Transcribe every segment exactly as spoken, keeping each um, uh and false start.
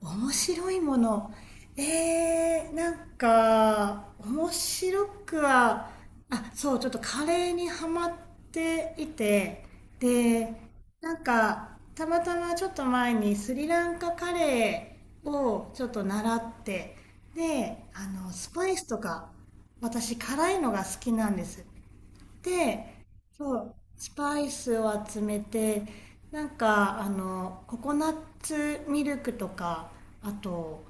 面白いもの。えー、なんか、面白くは、あ、そう、ちょっとカレーにハマっていて、で、なんか、たまたまちょっと前にスリランカカレーをちょっと習って、で、あの、スパイスとか、私辛いのが好きなんです。で、そう、スパイスを集めて、なんか、あの、ココナッツミルクとか、あと、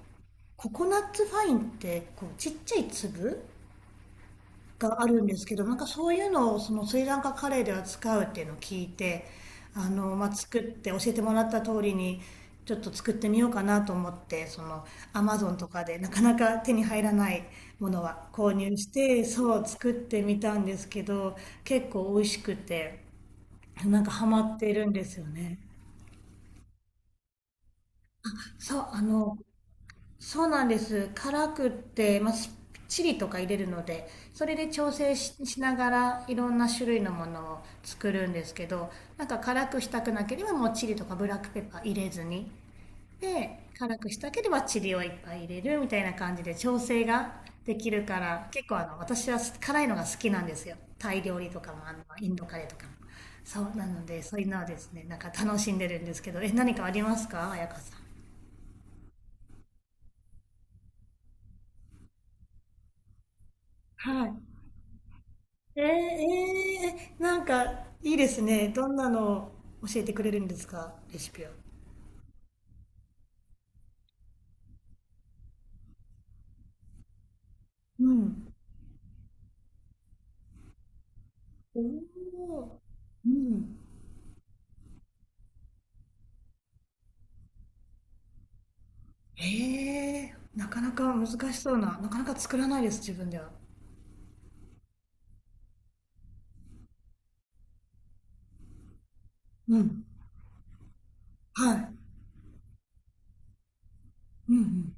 ココナッツファインって、こう、ちっちゃい粒があるんですけど、なんかそういうのをそのスリランカカレーでは使うっていうのを聞いて、あの、まあ、作って教えてもらった通りにちょっと作ってみようかなと思って、そのアマゾンとかでなかなか手に入らないものは購入して、そう作ってみたんですけど、結構美味しくて、なんかハマっているんですよね。そう、あの、そうなんです、辛くって、まあ、すチリとか入れるので、それで調整し、しながらいろんな種類のものを作るんですけど、なんか辛くしたくなければもうチリとかブラックペッパー入れずに、で辛くしたければチリをいっぱい入れるみたいな感じで調整ができるから、結構あの私は辛いのが好きなんですよ。タイ料理とかも、あのインドカレーとかも。そうなので、そういうのはですね、なんか楽しんでるんですけど、え、何かありますか彩香さん。はい。えー、えーなんかいいですね。どんなのを教えてくれるんですか、レシピは。うん。おお、うん。ええー、なかなか難しそうな、なかなか作らないです、自分では。うん。はい。うんうん。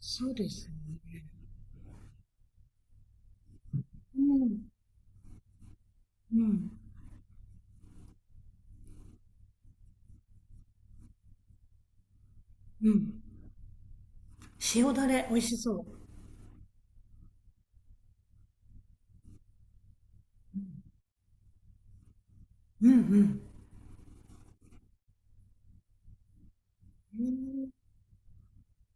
そうですね。うん、うん、うん。塩だれ、美味しそう。うんうん。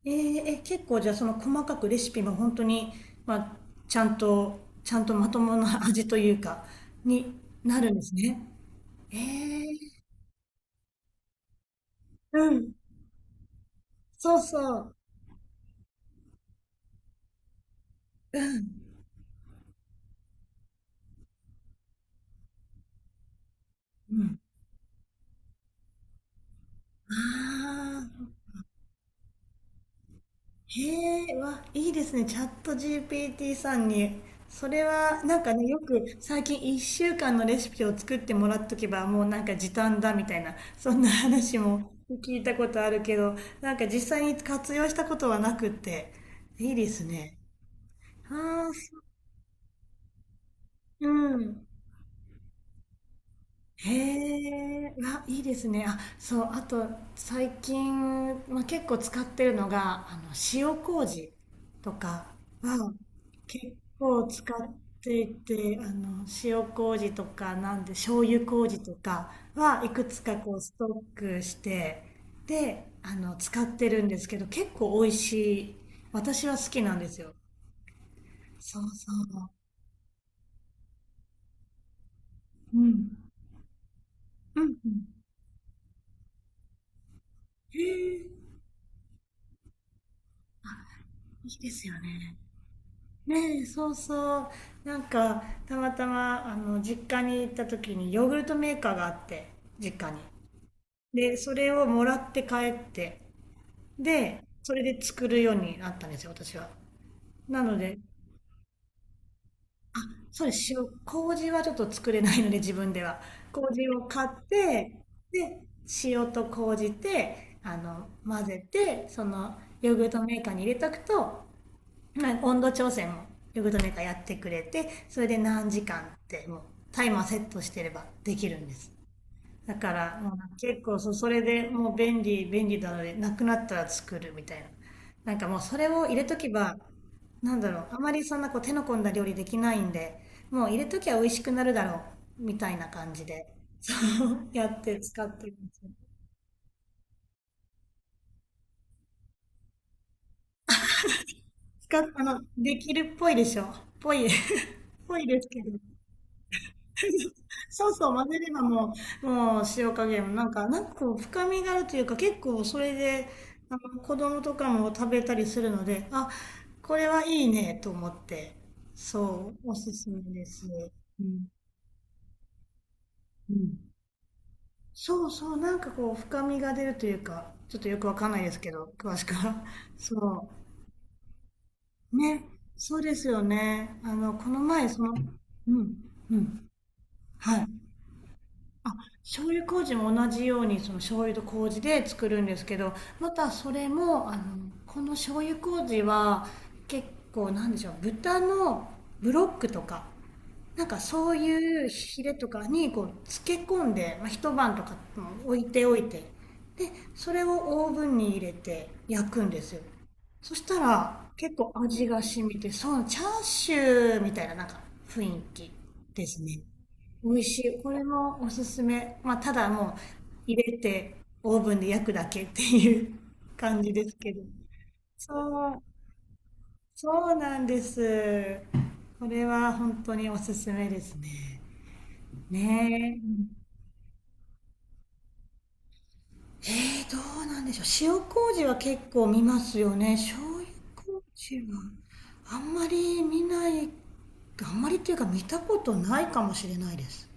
えーえ、結構じゃあその細かくレシピも本当に、まあ、ちゃんと、ちゃんとまともな味というか、になるんですね。ええ、うん。そうそう。うん。ああ、へえ、わ、いいですね。チャット ジーピーティー さんに。それは、なんかね、よく最近いっしゅうかんのレシピを作ってもらっとけば、もうなんか時短だみたいな、そんな話も聞いたことあるけど、なんか実際に活用したことはなくって、いいですね。ああ、そうん。へえ、あ、いいですね。あ、そう、あと最近、まあ、結構使ってるのが、あの、塩麹とかは結構使っていて、あの、塩麹とか、なんで、醤油麹とかはいくつかこうストックして、で、あの、使ってるんですけど、結構美味しい。私は好きなんですよ。そうそう。うん。うんうん。へえ、いいですよね。ねえ、そうそう。なんか、たまたま、あの、実家に行った時にヨーグルトメーカーがあって、実家に。で、それをもらって帰って、で、それで作るようになったんですよ、私は。なので、そうです、塩、麹はちょっと作れないので、自分では。麹を買って、で、塩と麹で、あの、混ぜて、その、ヨーグルトメーカーに入れとくと、まあ、温度調整もヨーグルトメーカーやってくれて、それで何時間ってもうタイマーセットしてればできるんです。だからもう結構、そそれでもう便利便利なのでなくなったら作るみたいな。なんかもうそれを入れとけば、なんだろう、あまりそんなこう手の込んだ料理できないんで、もう入れときゃ美味しくなるだろうみたいな感じで、そう やって使ってるんですよ。使っ、あの、できるっぽいでしょ。ぽい ぽいですけど。そうそう、混ぜればもう、もう塩加減もなんか、なんかこう深みがあるというか、結構それで、あの子供とかも食べたりするので、あ、これはいいねと思って、そう、おすすめです。うん。うん。そうそう、なんかこう深みが出るというか、ちょっとよくわかんないですけど、詳しくは。そう。ね。そうですよね。あの、この前、その、うん、うん。はい。あ、醤油麹も同じようにその醤油と麹で作るんですけど、またそれもあの、この醤油麹は結構なんでしょう、豚のブロックとかなんかそういうヒレとかにこう漬け込んで、まあ、一晩とか、うん、置いておいて、でそれをオーブンに入れて焼くんですよ。そしたら結構味が染みて、そうチャーシューみたいななんか雰囲気ですね。美味しい、これもおすすめ。まあただもう入れてオーブンで焼くだけっていう感じですけど。そう、そうなんです、これは本当におすすめですね。ねえ。えー、どうなんでしょう。塩麹は結構見ますよね。醤油麹はあんまり見ない、あんまりっていうか見たことないかもしれないです。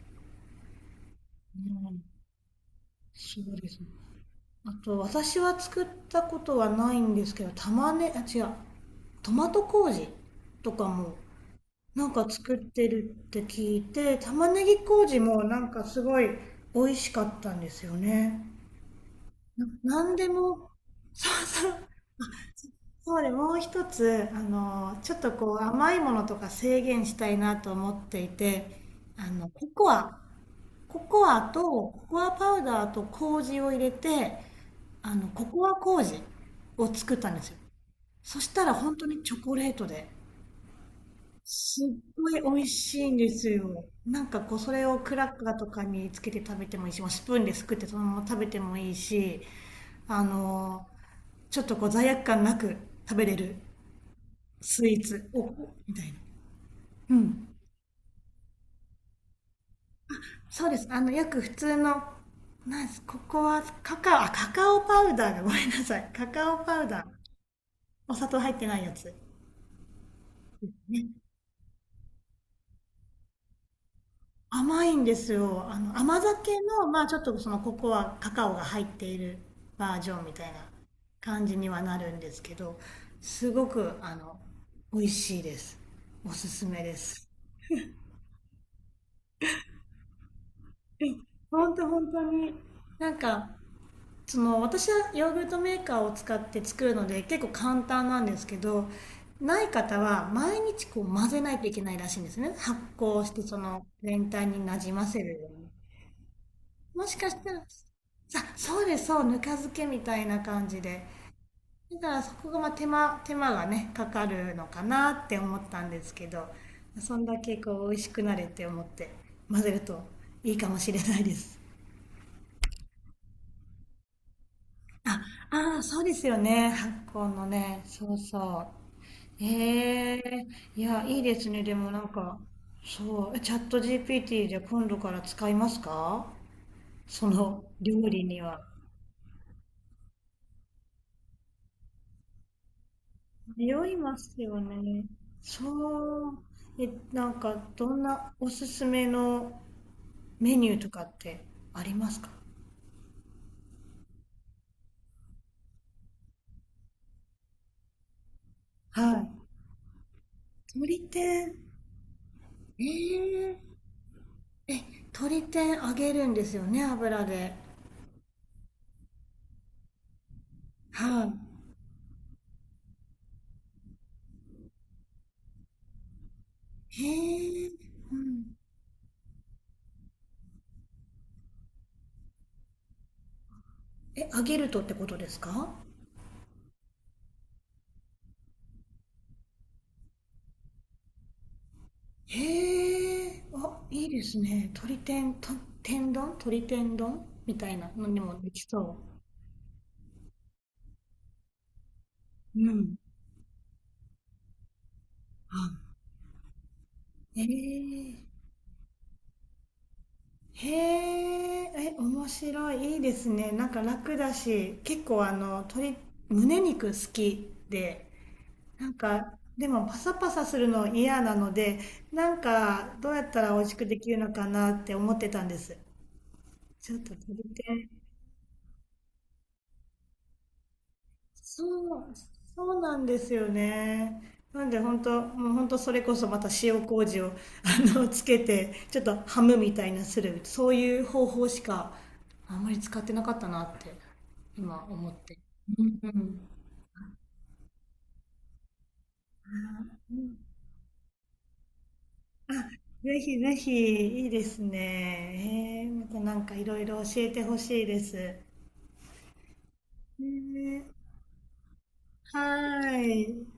うん、そうですね。あと、私は作ったことはないんですけど、玉ね、あ、違う、トマト麹とかもなんか作ってるって聞いて、玉ねぎ麹もなんかすごい美味しかったんですよね。な、なんでも、そうそうそう、で、もう一つ、あの、ちょっとこう甘いものとか制限したいなと思っていて、あの、ココア、ココアとココアパウダーと麹を入れて、あの、ココア麹を作ったんですよ。そしたら本当にチョコレートで、すっごい美味しいんですよ。なんかこう、それをクラッカーとかにつけて食べてもいいし、もうスプーンですくってそのまま食べてもいいし、あの、ちょっとこう罪悪感なく食べれるスイーツおみたいな、うん、そうです、あのよく普通のなんです、ここはカカオ、あカカオパウダーが、ごめんなさい、カカオパウダー、お砂糖入ってないやつ、ね、甘いんですよ、あの甘酒のまあちょっとそのここはカカオが入っているバージョンみたいな感じにはなるんですけど、すごくあの美味しいです。おすすめです。本当、本当に、なんかその、私はヨーグルトメーカーを使って作るので結構簡単なんですけど、ない方は毎日こう混ぜないといけないらしいんですね、発酵してその全体になじませるように。もしかしたら、さそうです、そう、ぬか漬けみたいな感じで、だからそこがまあ手間、手間がねかかるのかなって思ったんですけど、そんだけこう美味しくなれって思って混ぜるといいかもしれないです。ああ、あそうですよね、発酵のね、そうそう。ええ、いや、いいですね。でもなんか、そう、チャット ジーピーティー じゃ今度から使いますか、その料理には。迷いますよね。そう。え、なんか、どんなおすすめのメニューとかってありますか。はい。鶏天。ええ、え、鶏天揚げるんですよね、油で。はい。へえ、うん。え、揚げるとってことですか。へえ、あ、いいですね。鶏天、と、天丼、鶏天丼みたいなのにもできそう。うん。あ、ええ、へえ、え、面白い。いいですね。なんか楽だし、結構あの、鶏、胸肉好きで、なんか、でもパサパサするの嫌なので、なんか、どうやったら美味しくできるのかなって思ってたんです。ちょっと鶏天、そう、そうなんですよね。なんで本当、もう本当それこそまた塩麹を、あのつけて、ちょっとハムみたいなする、そういう方法しかあんまり使ってなかったなって今思って。うんうん。ぜひぜひ、いいですね。えーまたなんかいろいろ教えてほしいです。ね、はーい。